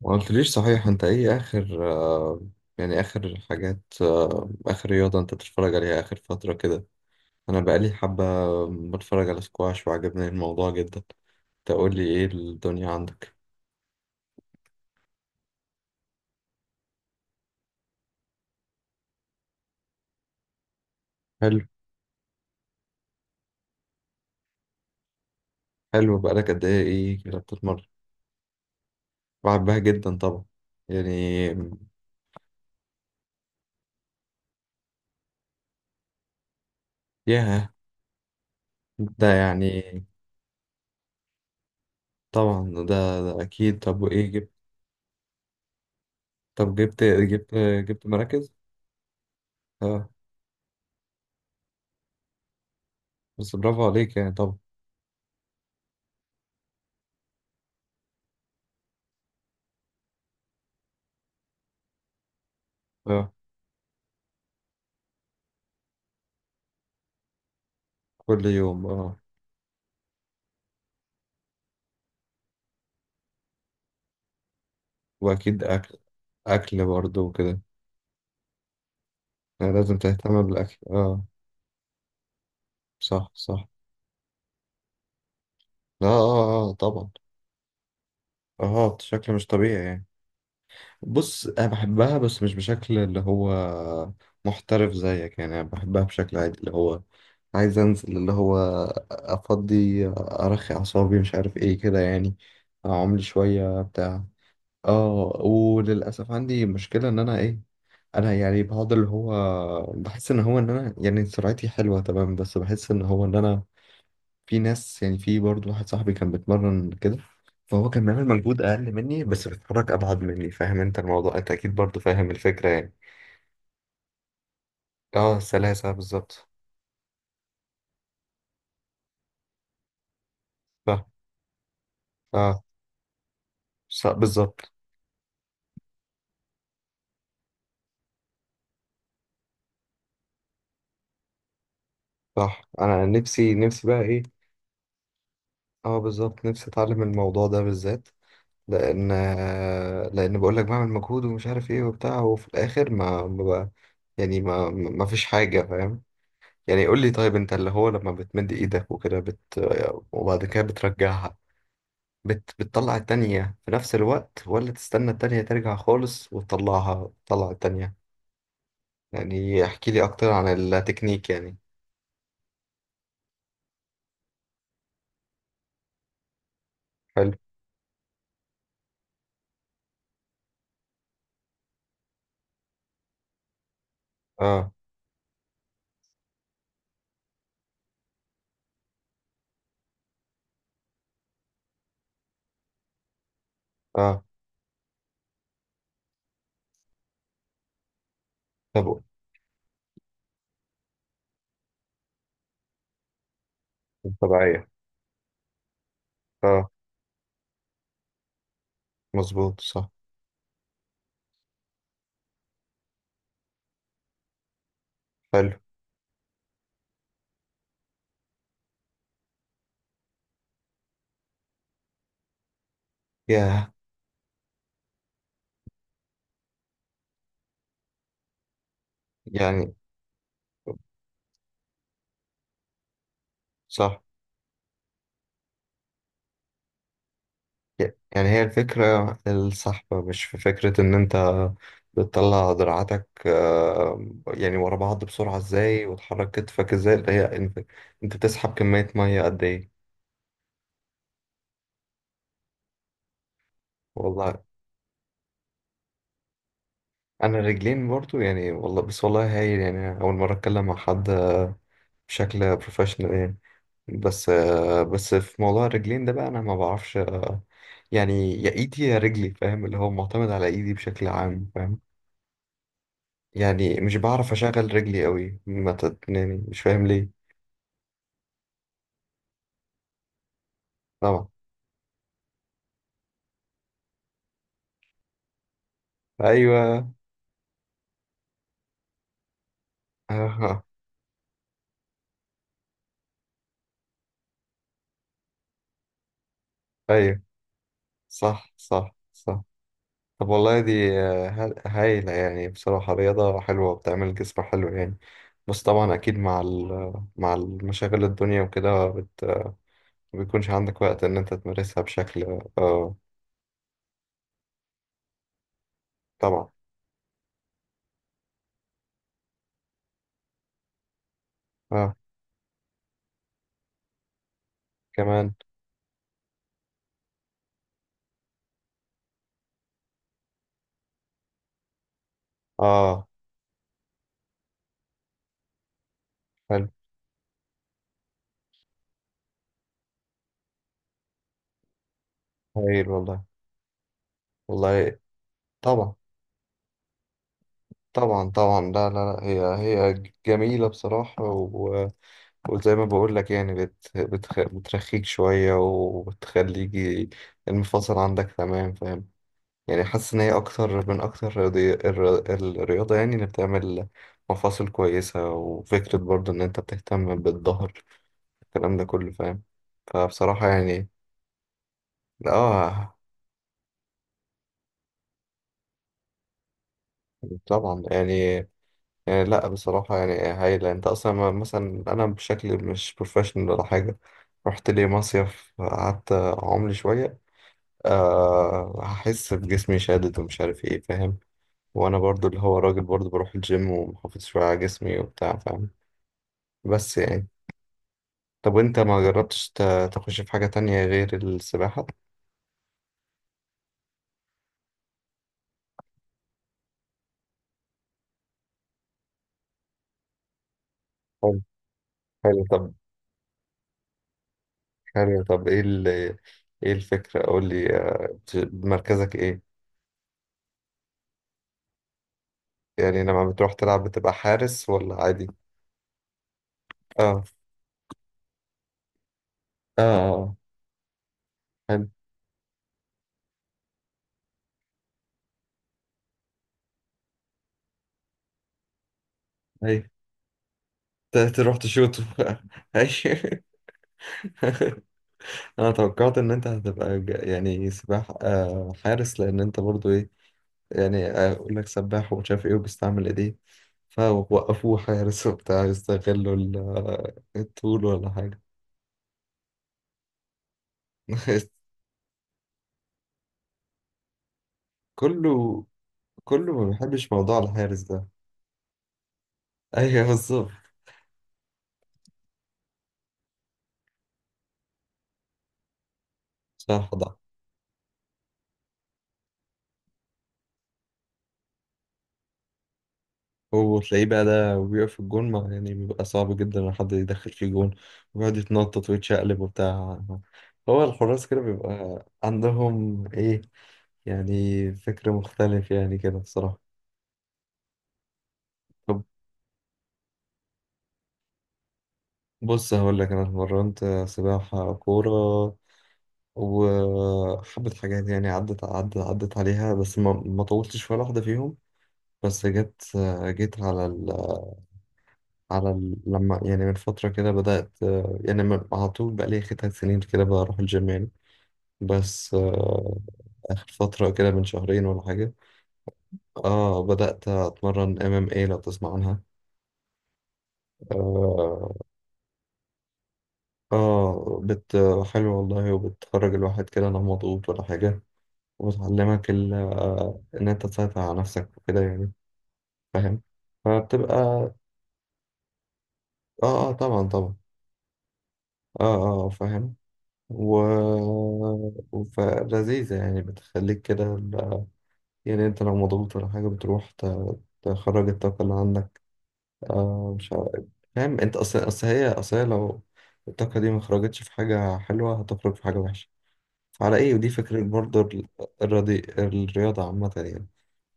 ما قلتليش صحيح، انت ايه اخر يعني اخر حاجات اخر رياضة انت بتتفرج عليها اخر فترة كده. انا بقالي حبة بتفرج على سكواش وعجبني الموضوع جدا. تقولي ايه الدنيا عندك؟ حلو. حلو، بقالك قد ايه؟ ايه كده بتتمرن؟ بحبها جدا طبعا، يعني. ياه. ده يعني. طبعا، ده اكيد. طب وايه جبت؟ طب جبت مراكز؟ اه. بس برافو عليك يعني، طبعا. اه، كل يوم، اه. وأكيد أكل. أكل برضه وكده، يعني لازم تهتم بالأكل، اه. صح صح. اه اه اه، طبعا. اه، بشكل مش طبيعي يعني. بص، أنا بحبها بس مش بشكل اللي هو محترف زيك، يعني أنا بحبها بشكل عادي، اللي هو عايز أنزل، اللي هو أفضي أرخي أعصابي، مش عارف إيه كده يعني، أعملي شوية بتاع. اه. وللأسف عندي مشكلة إن أنا إيه، انا يعني بقعد اللي هو، بحس ان هو ان انا يعني سرعتي حلوه تمام، بس بحس ان هو ان انا، في ناس يعني، في برضه واحد صاحبي كان بيتمرن كده، فهو كان بيعمل مجهود اقل مني بس بيتحرك ابعد مني. فاهم انت الموضوع؟ انت اكيد برضه فاهم الفكره يعني. اه، سلاسه بالظبط. صح. اه. صح بالظبط. صح، انا نفسي نفسي بقى ايه. اه بالظبط، نفسي اتعلم الموضوع ده بالذات. لان لان بقول لك بعمل مجهود ومش عارف ايه وبتاع، وفي الاخر ما بقى-، يعني ما فيش حاجه، فاهم؟ يعني قول لي، طيب انت اللي هو لما بتمد ايدك وكده بت... وبعد كده بترجعها، بت... بتطلع التانية في نفس الوقت، ولا تستنى التانية ترجع خالص وتطلعها، تطلع التانية؟ يعني احكي لي اكتر عن التكنيك يعني. حلو. اه. اه، طب. طبيعية. اه. مظبوط، صح. حلو. ياه. يعني. صح. يعني هي الفكرة الصحبة، مش في فكرة إن أنت بتطلع دراعاتك يعني ورا بعض بسرعة إزاي، وتحرك كتفك إزاي، اللي هي أنت بتسحب كمية مية قد إيه. والله. أنا رجلين برضو يعني، والله بس والله هايل يعني، أول مرة أتكلم مع حد بشكل بروفيشنال يعني. بس في موضوع الرجلين ده بقى، أنا ما بعرفش، يعني يا إيدي يا رجلي، فاهم؟ اللي هو معتمد على إيدي بشكل عام، فاهم، يعني مش بعرف اشغل رجلي قوي، ما تت... يعني مش فاهم ليه. طبعا. ايوه. آه. ايوه. صح صح صح. طب والله دي ه- هايلة يعني، بصراحة رياضة حلوة وبتعمل الجسم حلو يعني. بس طبعا أكيد مع المشاغل الدنيا وكده بت-، ما بيكونش عندك وقت إن أنت تمارسها بشكل آه. طبعا. آه. كمان. آه. حلو. هايل والله. والله. طبعا. طبعا طبعا، لا لا لا، هي هي جميلة بصراحة. وزي ما بقول لك يعني بت... بتخ... بترخيك شوية وبتخليك المفاصل عندك تمام، فاهم، يعني حاسس إن هي أكتر الرياضي... الر- الرياضة يعني اللي بتعمل مفاصل كويسة، وفكرة برضه إن أنت بتهتم بالظهر، الكلام ده كله، فاهم. فبصراحة يعني. آه. طبعا يعني. يعني لا بصراحة يعني هايلة. أنت أصلا ما-، مثلا أنا بشكل مش بروفيشنال ولا حاجة، رحت لي مصيف قعدت أعملي شوية، أه هحس بجسمي شادد ومش عارف ايه، فاهم، وانا برضو اللي هو راجل برضو بروح الجيم ومحافظ شوية على جسمي وبتاع، فاهم. بس يعني، طب وانت ما جربتش ت- تخش في حاجة تانية غير السباحة؟ حلو. حلو طب. حلو طب، ايه الفكرة؟ قول لي بت- مركزك ايه؟ يعني لما بتروح تلعب بتبقى حارس ولا عادي؟ اه. اه، حلو. ايوه. ت- تروح تشوطه. ايوه. انا توقعت ان انت هتبقى ج- يعني سباح حارس، لان انت برضو ايه، يعني اقول لك سباح ومش عارف ايه وبيستعمل ايديه، فوقفوه حارس وبتاع يستغلوا ال- الطول، ولا حاجة. كله. كله ما بيحبش موضوع الحارس ده. ايوه بالظبط. صح ده. وتلاقيه بقى ده وبيقف في الجون، ما يعني بيبقى صعب جدا ان حد يدخل فيه جون، ويقعد يتنطط ويتشقلب وبتاع. هو الحراس كده بيبقى عندهم ايه، يعني فكر مختلف يعني كده بصراحة. طب بص هقول لك، أنا اتمرنت سباحة، كورة، وحبة حاجات يعني، عدت عليها، بس ما طولتش في ولا واحدة فيهم. بس جت، جيت على ال... على ال... لما يعني من فترة كده بدأت يعني، من- على طول، بقى لي 3 سنين كده بروح الجيم يعني. بس آخر فترة كده من شهرين ولا حاجة، اه، بدأت أتمرن MMA، لو تسمع عنها. آه. اه، بت حلو والله، وبتخرج الواحد كده لا مضغوط ولا حاجة، وبتعلمك ال... إن أنت تسيطر على نفسك وكده يعني، فاهم، فبتبقى اه. اه طبعا طبعا. اه اه فاهم. و فلذيذة يعني بتخليك كده ال-، يعني أنت لو مضغوط ولا حاجة بتروح ت- تخرج الطاقة اللي عندك، آه، مش عارف. فاهم، أنت أصل هي أصل هي، لو الطاقة دي ما خرجتش في حاجة حلوة هتخرج في حاجة وحشة، على ايه، ودي فكرة برضه ال- الرياضي الرياضة عامة يعني،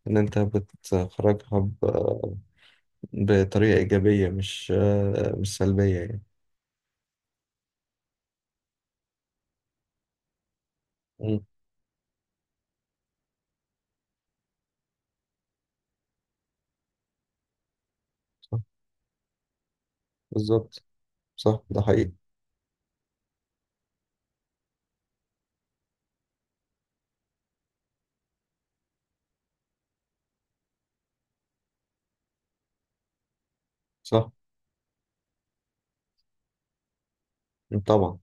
ان انت بتخرجها ب- بطريقة ايجابية، مش سلبية يعني. مم. صح. بالظبط. صح ده حقيقي. صح. مم، طبعا.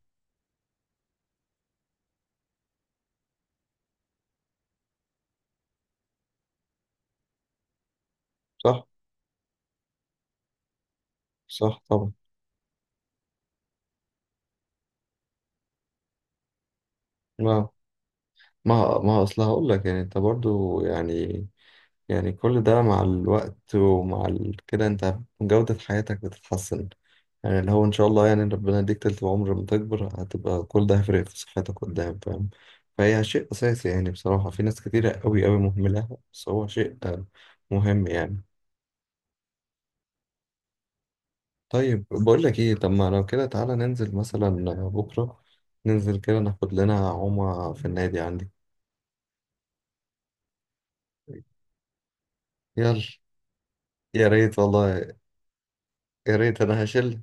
صح. صح، طبعا. ما ما اصل هقول لك يعني، انت برضو يعني، يعني كل ده مع الوقت ومع ال... كده انت جودة حياتك بتتحسن، يعني اللي هو ان شاء الله يعني ربنا يديك تلت عمر، لما تكبر هتبقى كل ده هيفرق في صحتك قدام، فاهم، فهي شيء اساسي يعني، بصراحة في ناس كتيرة قوي قوي مهملة، بس هو شيء مهم يعني. طيب بقول لك ايه، طب ما لو كده تعالى ننزل مثلا بكرة، ننزل كده ناخد لنا عومة في النادي عندي. يلا. يا ريت والله. يا ريت، انا هشيل.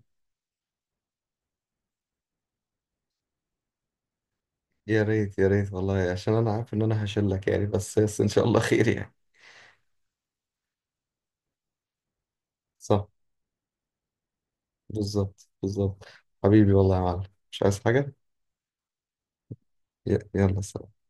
يا ريت يا ريت والله، عشان انا عارف ان انا هشلك يعني، بس ان شاء الله خير يعني. صح، بالظبط بالظبط. حبيبي والله يا معلم، مش عايز حاجة. ي- يلا سلام.